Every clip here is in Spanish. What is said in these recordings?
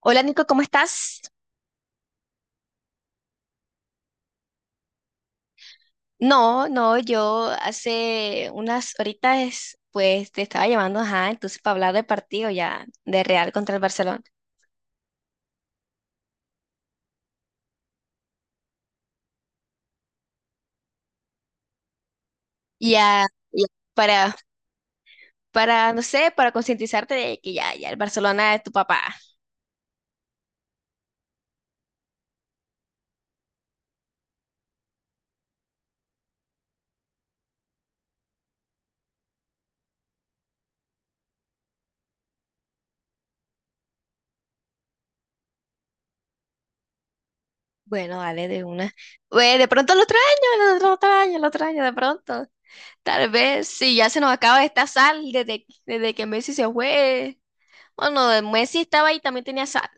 Hola Nico, ¿cómo estás? No, no, yo hace unas horitas pues te estaba llamando, ajá, entonces para hablar del partido ya de Real contra el Barcelona. Ya, ya, para, para, no sé, para concientizarte de que ya, ya el Barcelona es tu papá. Bueno, dale, de una. De pronto el otro año, el otro año, el otro año, de pronto. Tal vez, si ya se nos acaba esta sal desde que Messi se fue. Bueno, Messi estaba ahí, también tenía sal.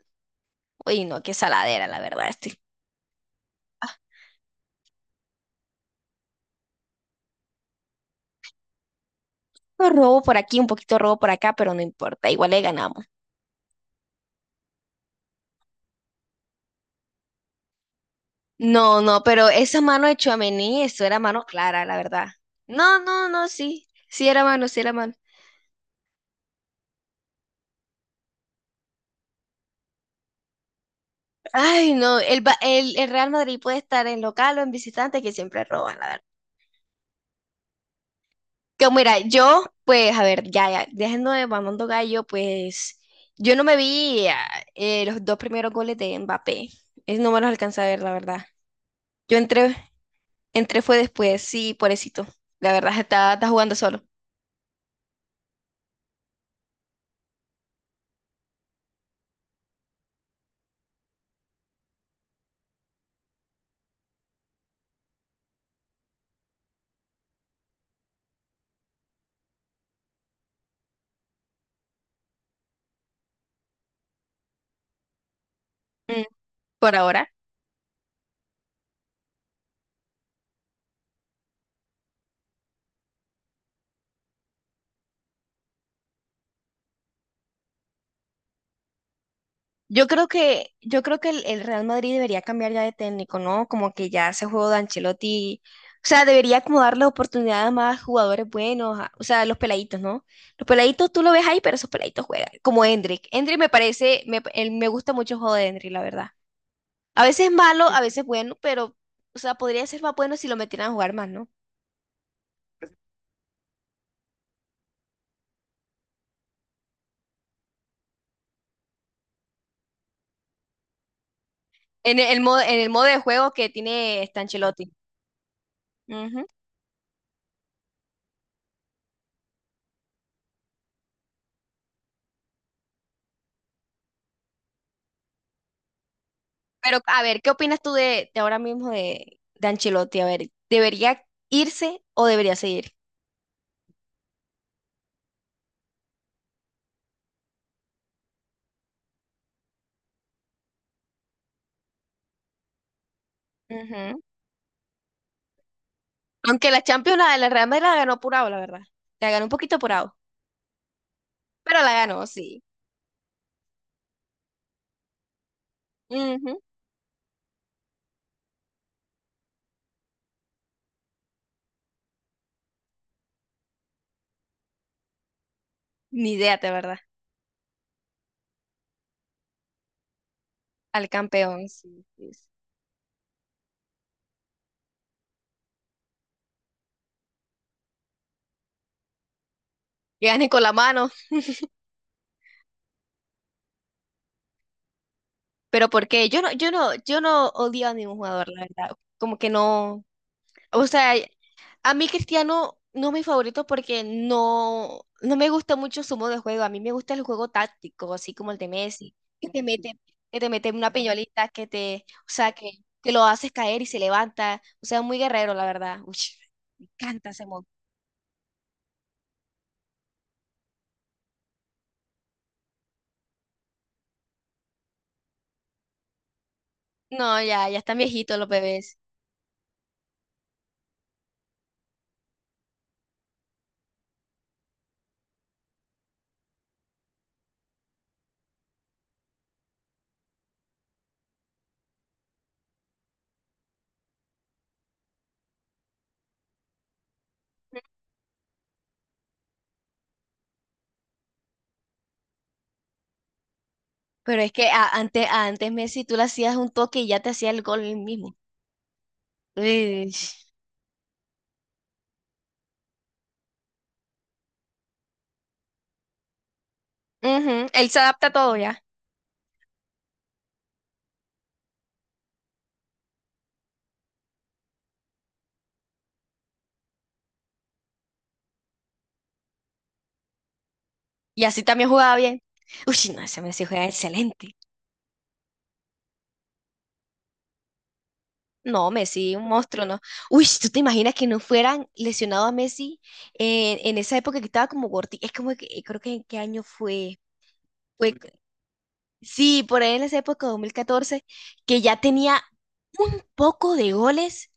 Uy, no, qué saladera, la verdad. Pues, robo por aquí, un poquito robo por acá, pero no importa, igual le ganamos. No, no, pero esa mano de Tchouaméni, eso era mano clara, la verdad. No, no, no, sí, sí era mano, sí era mano. Ay, no, el Real Madrid puede estar en local o en visitante, que siempre roban, la verdad. Que mira, yo, pues, a ver, ya, ya, dejando de mamando gallo, pues, yo no me vi los dos primeros goles de Mbappé. Es, no me los alcanza a ver, la verdad. Yo entré, entré fue después, sí, pobrecito. La verdad, está, está jugando solo. Mm. Por ahora. Yo creo que el Real Madrid debería cambiar ya de técnico, ¿no? Como que ya ese juego de Ancelotti, o sea, debería como darle oportunidad a más jugadores buenos, o sea, los peladitos, ¿no? Los peladitos tú lo ves ahí, pero esos peladitos juegan, como Endrick. Endrick me parece, me, él- me gusta mucho el juego de Endrick, la verdad. A veces es malo, a veces bueno, pero, o sea, podría ser más bueno si lo metieran a jugar más, ¿no? El modo, en el modo de juego que tiene este Ancelotti. Ujú. Pero a ver, ¿qué opinas tú de ahora mismo de Ancelotti? A ver, ¿debería irse o debería seguir? Ujú. Aunque la Champions, la de la Real Madrid la ganó apurado, la verdad. La ganó un poquito apurado, pero la ganó, sí. Ujú. Ni idea, de verdad. Al campeón, sí, sí, sí. Que gane con la mano. Pero ¿por qué? Yo no odio a ningún jugador, la verdad. Como que no. O sea, a mí Cristiano no es mi favorito porque no, no me gusta mucho su modo de juego. A mí me gusta el juego táctico, así como el de Messi, que te mete, que te mete una piñolita, que te, o sea, que lo haces caer y se levanta. O sea, muy guerrero, la verdad. Uy, me encanta ese modo. No, ya, ya están viejitos los bebés. Pero es que antes, antes Messi tú le hacías un toque y ya te hacía el gol él mismo. Uy. Ujú. Él se adapta a todo ya. Y así también jugaba bien. Uy, no, ese Messi juega excelente. No, Messi, un monstruo, ¿no? Uy, ¿tú te imaginas que no fueran lesionado a Messi en esa época que estaba como gordi? Es como que, creo que en qué año fue. Fue, Uy, sí, por ahí en esa época, 2014 que ya tenía un poco de goles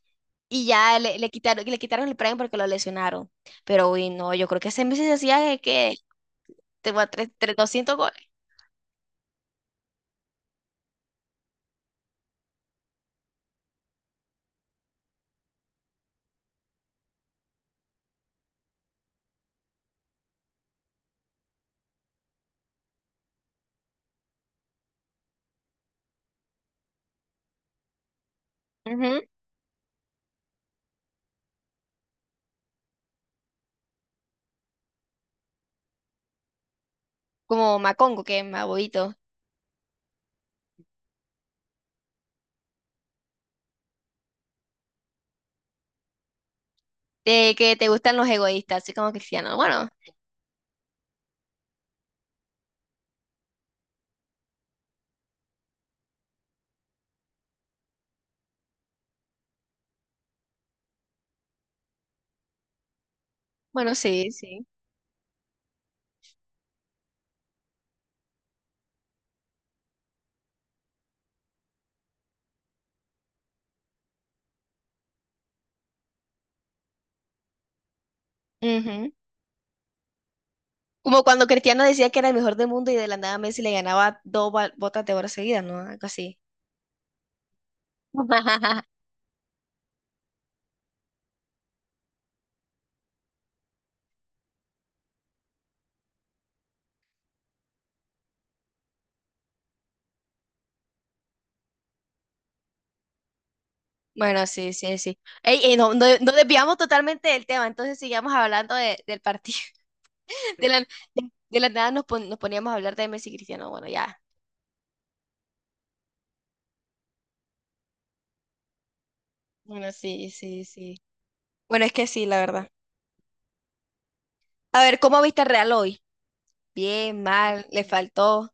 y ya le quitaron el premio porque lo lesionaron. Pero, uy, no, yo creo que ese Messi se hacía que 200 goles. Ujú. Como Macongo, que es más bobito. De que te gustan los egoístas, así como Cristiano. Bueno, bueno, sí, sí. Ujú. Como cuando Cristiano decía que era el mejor del mundo y de la nada Messi le ganaba botas de oro seguidas, ¿no? Algo así. Bueno, sí, sí, sí. Ey, ey, no, no, no desviamos totalmente del tema, entonces sigamos hablando del partido. De la, de, de la nada nos poníamos a hablar de Messi y Cristiano. Bueno, ya. Bueno, sí, sí, sí. Bueno, es que sí, la verdad. A ver, ¿cómo viste al Real hoy? Bien, mal, le faltó.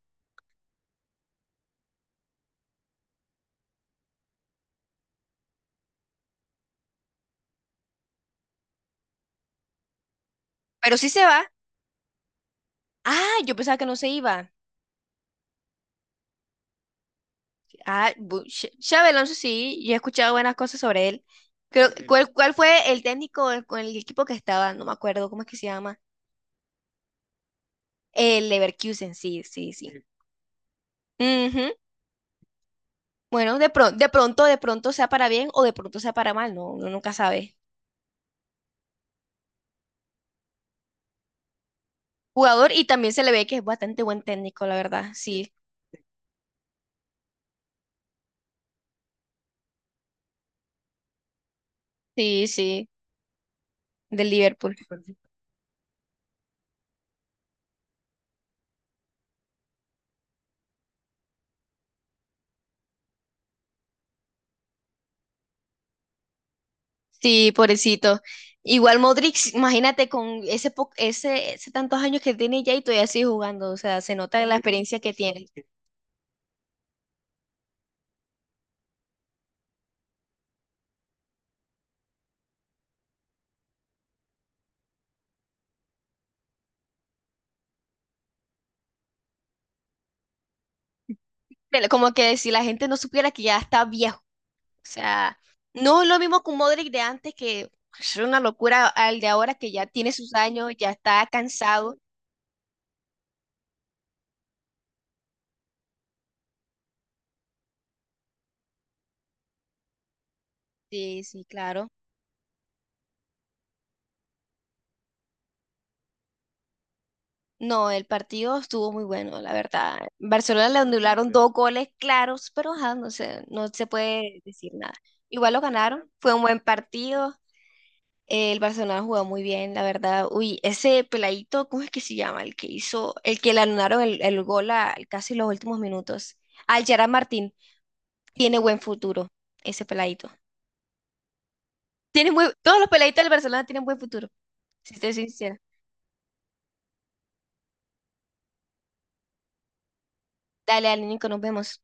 Pero sí se va. Ah, yo pensaba que no se iba. Ah, Xabi Alonso sí, yo he escuchado buenas cosas sobre él. Creo, sí. Cuál fue el técnico con el equipo que estaba? No me acuerdo cómo es que se llama. El Leverkusen, sí, sí, sí. Sí. Ujú. Bueno, de pronto, de pronto, de pronto sea para bien o de pronto sea para mal, no, uno nunca sabe. Jugador y también se le ve que es bastante buen técnico, la verdad. Sí, sí, sí, del Liverpool. Sí, pobrecito. Igual Modric, imagínate con ese tantos años que tiene ya y todavía sigue jugando. O sea, se nota la experiencia que tiene. Pero como que si la gente no supiera que ya está viejo. O sea, no es lo mismo con Modric de antes, que es una locura al de ahora que ya tiene sus años, ya está cansado. Sí, sí, claro. No, el partido estuvo muy bueno, la verdad. Barcelona le anularon dos goles claros, pero ajá, no se puede decir nada. Igual lo ganaron, fue un buen partido. El Barcelona jugó muy bien, la verdad. Uy, ese peladito, ¿cómo es que se llama? El que hizo, el que le anularon el gol a, casi los últimos minutos. Al Gerard Martín tiene buen futuro, ese peladito. Tiene muy, todos los peladitos del Barcelona tienen buen futuro, si estoy sincera. Dale, Nico, nos vemos.